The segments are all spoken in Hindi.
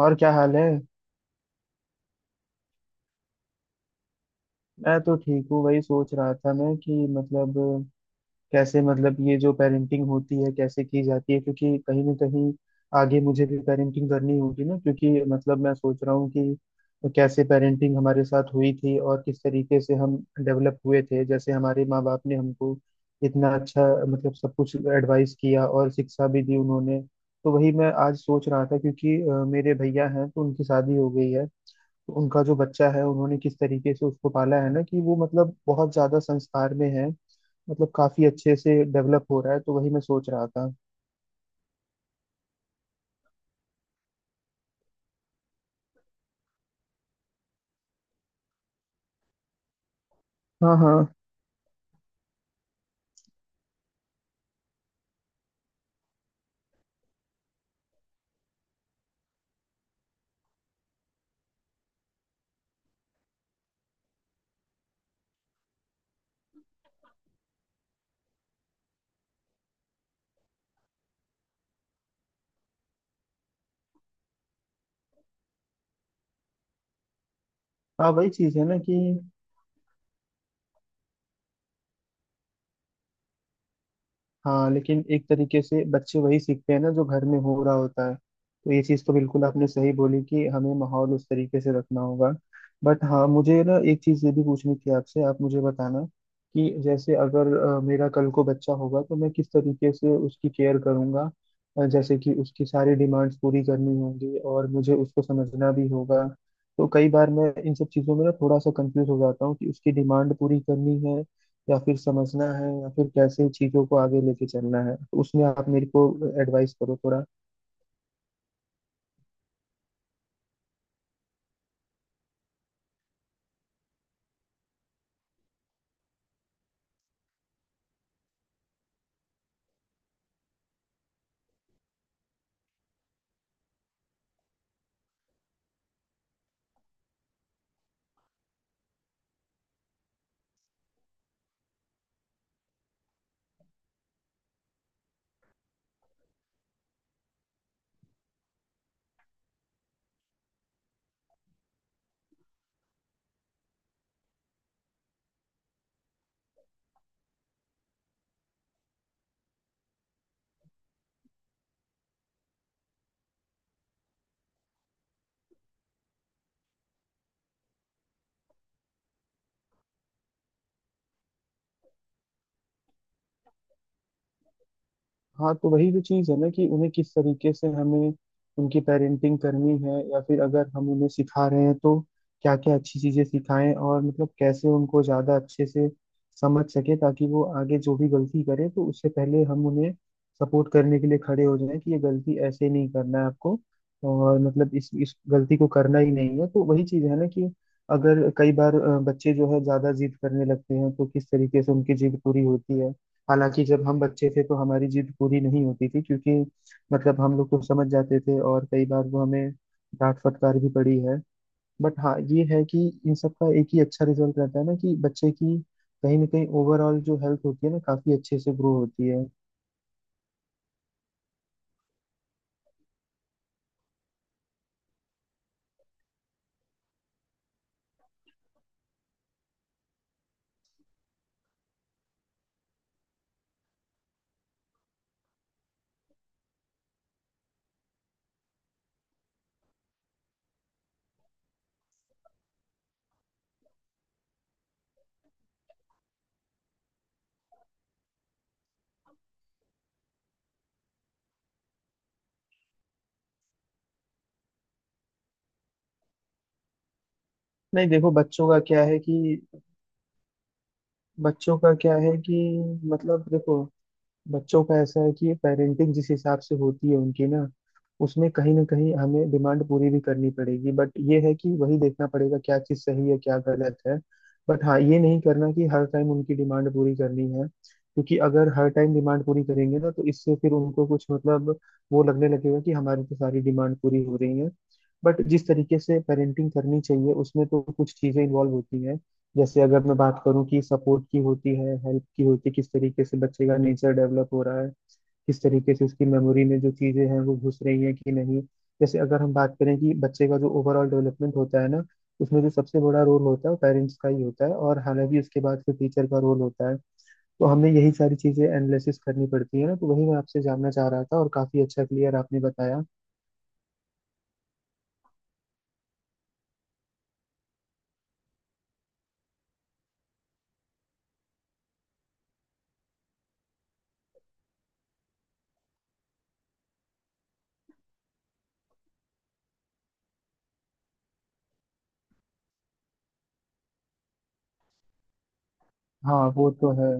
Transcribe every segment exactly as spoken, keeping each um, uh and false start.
और क्या हाल है। मैं तो ठीक हूँ। वही सोच रहा था मैं कि मतलब कैसे मतलब ये जो पेरेंटिंग होती है कैसे की जाती है, क्योंकि कहीं ना कहीं आगे मुझे भी पेरेंटिंग करनी होगी ना, क्योंकि मतलब मैं सोच रहा हूँ कि कैसे पेरेंटिंग हमारे साथ हुई थी और किस तरीके से हम डेवलप हुए थे। जैसे हमारे माँ बाप ने हमको इतना अच्छा मतलब सब कुछ एडवाइस किया और शिक्षा भी दी उन्होंने। तो वही मैं आज सोच रहा था क्योंकि अ, मेरे भैया हैं तो उनकी शादी हो गई है। उनका जो बच्चा है उन्होंने किस तरीके से उसको पाला है ना कि वो मतलब बहुत ज्यादा संस्कार में है। मतलब काफी अच्छे से डेवलप हो रहा है, तो वही मैं सोच रहा था। हाँ हाँ। हाँ वही चीज है ना कि, हाँ लेकिन एक तरीके से बच्चे वही सीखते हैं ना जो घर में हो रहा होता है, तो ये चीज़ तो बिल्कुल आपने सही बोली कि हमें माहौल उस तरीके से रखना होगा। बट हाँ मुझे ना एक चीज़ ये भी पूछनी थी आपसे, आप मुझे बताना कि जैसे अगर अ, मेरा कल को बच्चा होगा तो मैं किस तरीके से उसकी केयर करूँगा। जैसे कि उसकी सारी डिमांड्स पूरी करनी होंगी और मुझे उसको समझना भी होगा। तो कई बार मैं इन सब चीज़ों में ना थोड़ा सा कंफ्यूज हो जाता हूँ कि उसकी डिमांड पूरी करनी है या फिर समझना है या फिर कैसे चीजों को आगे लेके चलना है, उसमें आप मेरे को एडवाइस करो थोड़ा। हाँ तो वही जो चीज़ है ना कि उन्हें किस तरीके से हमें उनकी पेरेंटिंग करनी है या फिर अगर हम उन्हें सिखा रहे हैं तो क्या क्या अच्छी चीज़ें सिखाएं और मतलब कैसे उनको ज़्यादा अच्छे से समझ सके, ताकि वो आगे जो भी गलती करे तो उससे पहले हम उन्हें सपोर्ट करने के लिए खड़े हो जाएं कि ये गलती ऐसे नहीं करना है आपको और मतलब इस इस गलती को करना ही नहीं है। तो वही चीज़ है ना कि अगर कई बार अ, बच्चे जो है ज़्यादा जिद करने लगते हैं तो किस तरीके से उनकी जिद पूरी होती है। हालांकि जब हम बच्चे थे तो हमारी जिद पूरी नहीं होती थी, क्योंकि मतलब हम लोग को समझ जाते थे और कई बार वो हमें डांट फटकार भी पड़ी है। बट हाँ ये है कि इन सब का एक ही अच्छा रिजल्ट रहता है ना कि बच्चे की कहीं ना कहीं ओवरऑल जो हेल्थ होती है ना काफी अच्छे से ग्रो होती है। नहीं देखो, बच्चों का क्या है कि बच्चों का क्या है कि, मतलब देखो, बच्चों का ऐसा है कि पेरेंटिंग जिस हिसाब से होती है उनकी ना, उसमें कहीं ना कहीं हमें डिमांड पूरी भी करनी पड़ेगी, बट ये है कि वही देखना पड़ेगा क्या चीज़ सही है क्या गलत है। बट हाँ ये नहीं करना कि हर टाइम उनकी डिमांड पूरी करनी है, क्योंकि अगर हर टाइम डिमांड पूरी करेंगे ना तो इससे फिर उनको कुछ मतलब वो लगने लगेगा कि हमारी तो सारी डिमांड पूरी हो रही है। बट जिस तरीके से पेरेंटिंग करनी चाहिए उसमें तो कुछ चीज़ें इन्वॉल्व होती हैं। जैसे अगर मैं बात करूं कि सपोर्ट की होती है, हेल्प की होती है, किस तरीके से बच्चे का नेचर डेवलप हो रहा है, किस तरीके से उसकी मेमोरी में जो चीजें हैं वो घुस रही हैं कि नहीं। जैसे अगर हम बात करें कि बच्चे का जो ओवरऑल डेवलपमेंट होता है ना, उसमें जो सबसे बड़ा रोल होता है वो पेरेंट्स का ही होता है और हालांकि उसके बाद फिर टीचर का रोल होता है। तो हमें यही सारी चीजें एनालिसिस करनी पड़ती है ना, तो वही मैं आपसे जानना चाह रहा था और काफी अच्छा क्लियर आपने बताया। हाँ वो तो है।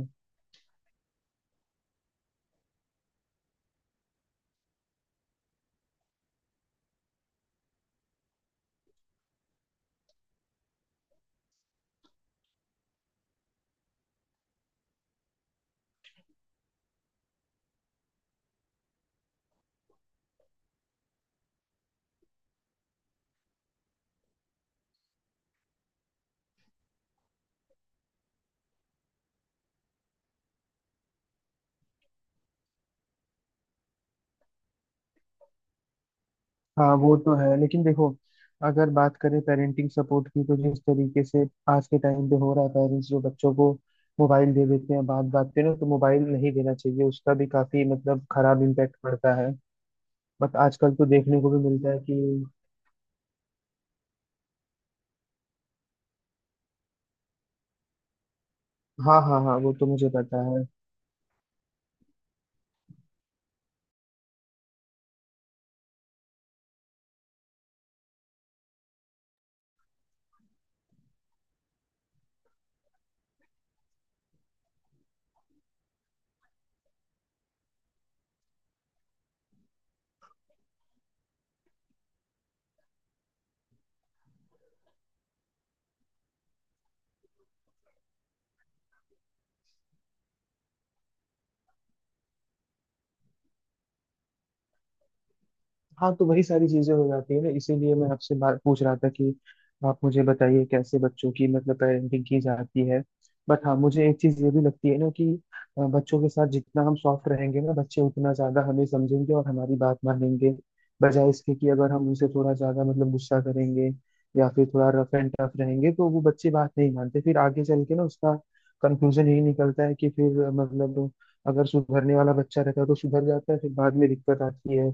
हाँ वो तो है लेकिन देखो, अगर बात करें पेरेंटिंग सपोर्ट की तो जिस तरीके से आज के टाइम पे हो रहा है, पेरेंट्स जो बच्चों को मोबाइल दे देते हैं बात बात पे ना, तो मोबाइल नहीं देना चाहिए, उसका भी काफी मतलब खराब इम्पैक्ट पड़ता है। बट आजकल तो देखने को भी मिलता है कि, हाँ हाँ हाँ वो तो मुझे पता है। हाँ तो वही सारी चीजें हो जाती है ना, इसीलिए मैं आपसे बात पूछ रहा था कि आप मुझे बताइए कैसे बच्चों की मतलब पेरेंटिंग की जाती है। बट हाँ मुझे एक चीज ये भी लगती है ना कि अ, बच्चों के साथ जितना हम सॉफ्ट रहेंगे ना बच्चे उतना ज्यादा हमें समझेंगे और हमारी बात मानेंगे, बजाय इसके कि अगर हम उनसे थोड़ा ज्यादा मतलब गुस्सा करेंगे या फिर थोड़ा रफ एंड टफ रहेंगे तो वो बच्चे बात नहीं मानते। फिर आगे चल के ना उसका कंक्लूजन यही निकलता है कि फिर अ, मतलब अगर सुधरने वाला बच्चा रहता है तो सुधर जाता है, फिर बाद में दिक्कत आती है।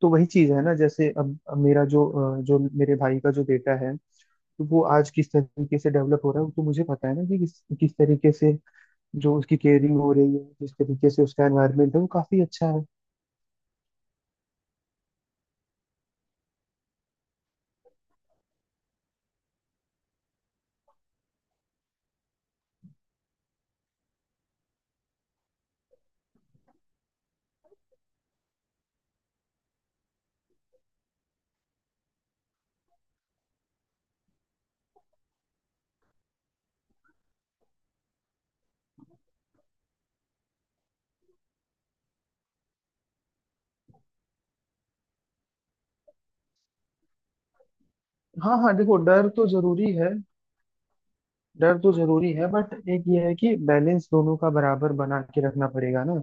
तो वही चीज है ना। जैसे अब अब मेरा जो अ, जो मेरे भाई का जो बेटा है, तो वो आज किस तरीके से डेवलप हो रहा है तो मुझे पता है ना कि किस किस तरीके से जो उसकी केयरिंग हो रही है, किस तरीके से उसका एनवायरमेंट है, वो काफी अच्छा है। हाँ हाँ देखो, डर तो जरूरी है। डर तो जरूरी है बट एक ये है कि बैलेंस दोनों का बराबर बना के रखना पड़ेगा ना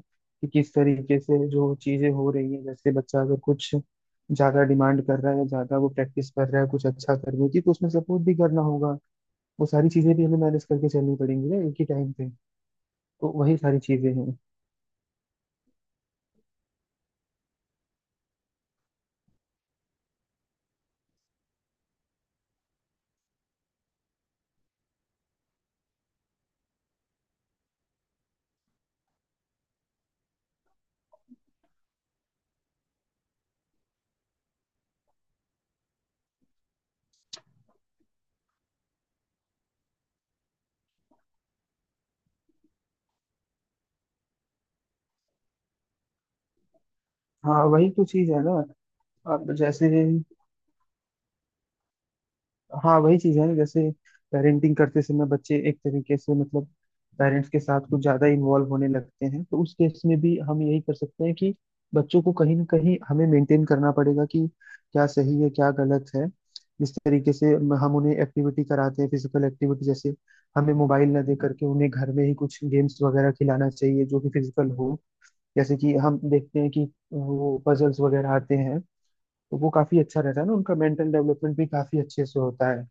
कि किस तरीके से जो चीजें हो रही है। जैसे बच्चा अगर कुछ ज्यादा डिमांड कर रहा है या ज्यादा वो प्रैक्टिस कर रहा है कुछ अच्छा करने की, तो उसमें सपोर्ट भी करना होगा। वो सारी चीजें भी हमें मैनेज करके चलनी पड़ेंगी ना एक ही टाइम पे, तो वही सारी चीजें हैं। हाँ वही तो चीज है ना। अब जैसे, हाँ वही चीज है ना। जैसे पेरेंटिंग करते समय बच्चे एक तरीके से मतलब पेरेंट्स के साथ कुछ ज्यादा इन्वॉल्व होने लगते हैं, तो उस केस में भी हम यही कर सकते हैं कि बच्चों को कहीं ना कहीं हमें मेंटेन करना पड़ेगा कि क्या सही है क्या गलत है। जिस तरीके से हम उन्हें एक्टिविटी कराते हैं, फिजिकल एक्टिविटी, जैसे हमें मोबाइल ना दे करके उन्हें घर में ही कुछ गेम्स वगैरह खिलाना चाहिए जो कि फिजिकल हो। जैसे कि हम देखते हैं कि वो पजल्स वगैरह आते हैं, तो वो काफी अच्छा रहता है ना, उनका मेंटल डेवलपमेंट भी काफी अच्छे से होता है।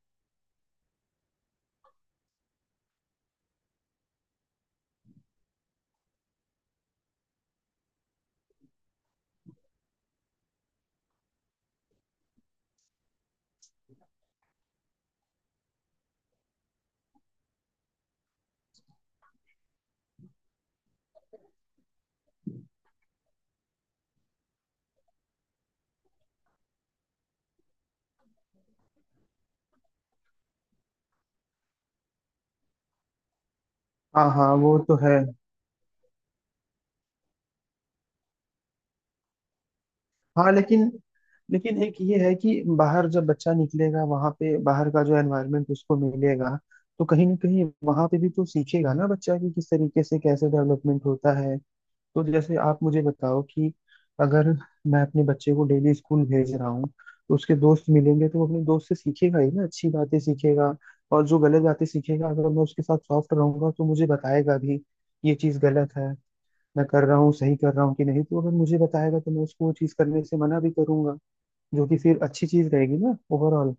हाँ हाँ वो तो है। हाँ लेकिन, लेकिन एक ये है कि बाहर जब बच्चा निकलेगा, वहां पे बाहर का जो एनवायरनमेंट उसको मिलेगा तो कहीं ना कहीं वहां पे भी तो सीखेगा ना बच्चा कि किस तरीके से कैसे डेवलपमेंट होता है। तो जैसे आप मुझे बताओ कि अगर मैं अपने बच्चे को डेली स्कूल भेज रहा हूँ, तो उसके दोस्त मिलेंगे तो वो अपने दोस्त से सीखेगा ही ना, अच्छी बातें सीखेगा और जो गलत बातें सीखेगा, अगर मैं उसके साथ सॉफ्ट रहूंगा तो मुझे बताएगा भी ये चीज़ गलत है, मैं कर रहा हूँ सही कर रहा हूँ कि नहीं। तो अगर मुझे बताएगा तो मैं उसको वो चीज़ करने से मना भी करूंगा, जो कि फिर अच्छी चीज़ रहेगी ना ओवरऑल।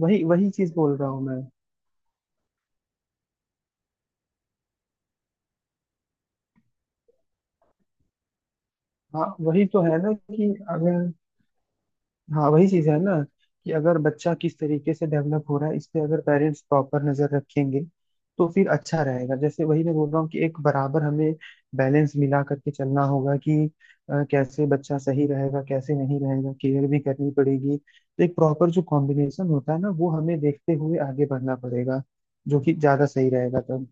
वही वही चीज़ बोल रहा हूँ मैं। हाँ वही तो है ना कि अगर, हाँ वही चीज है ना कि अगर बच्चा किस तरीके से डेवलप हो रहा है इस पे अगर पेरेंट्स प्रॉपर नजर रखेंगे तो फिर अच्छा रहेगा। जैसे वही मैं बोल रहा हूँ कि एक बराबर हमें बैलेंस मिला करके चलना होगा कि अ, कैसे बच्चा सही रहेगा कैसे नहीं रहेगा, केयर भी करनी पड़ेगी तो एक प्रॉपर जो कॉम्बिनेशन होता है ना वो हमें देखते हुए आगे बढ़ना पड़ेगा, जो कि ज्यादा सही रहेगा तब।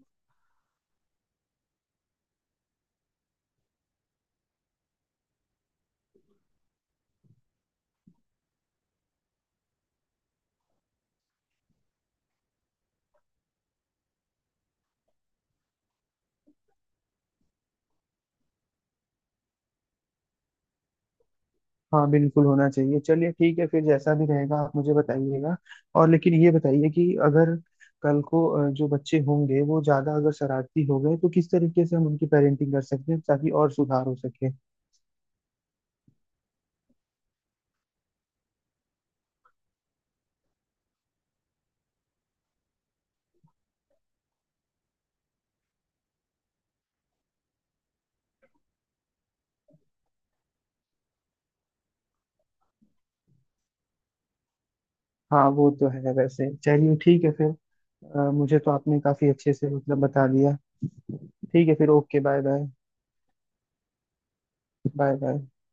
हाँ बिल्कुल होना चाहिए। चलिए ठीक है फिर, जैसा भी रहेगा आप मुझे बताइएगा। और लेकिन ये बताइए कि अगर कल को अ, जो बच्चे होंगे वो ज्यादा अगर शरारती हो गए तो किस तरीके से हम उनकी पेरेंटिंग कर सकते हैं ताकि और सुधार हो सके। हाँ वो तो है। वैसे चलिए ठीक है फिर। अ, मुझे तो आपने काफी अच्छे से मतलब बता दिया। ठीक है फिर। Okay bye bye. Bye bye.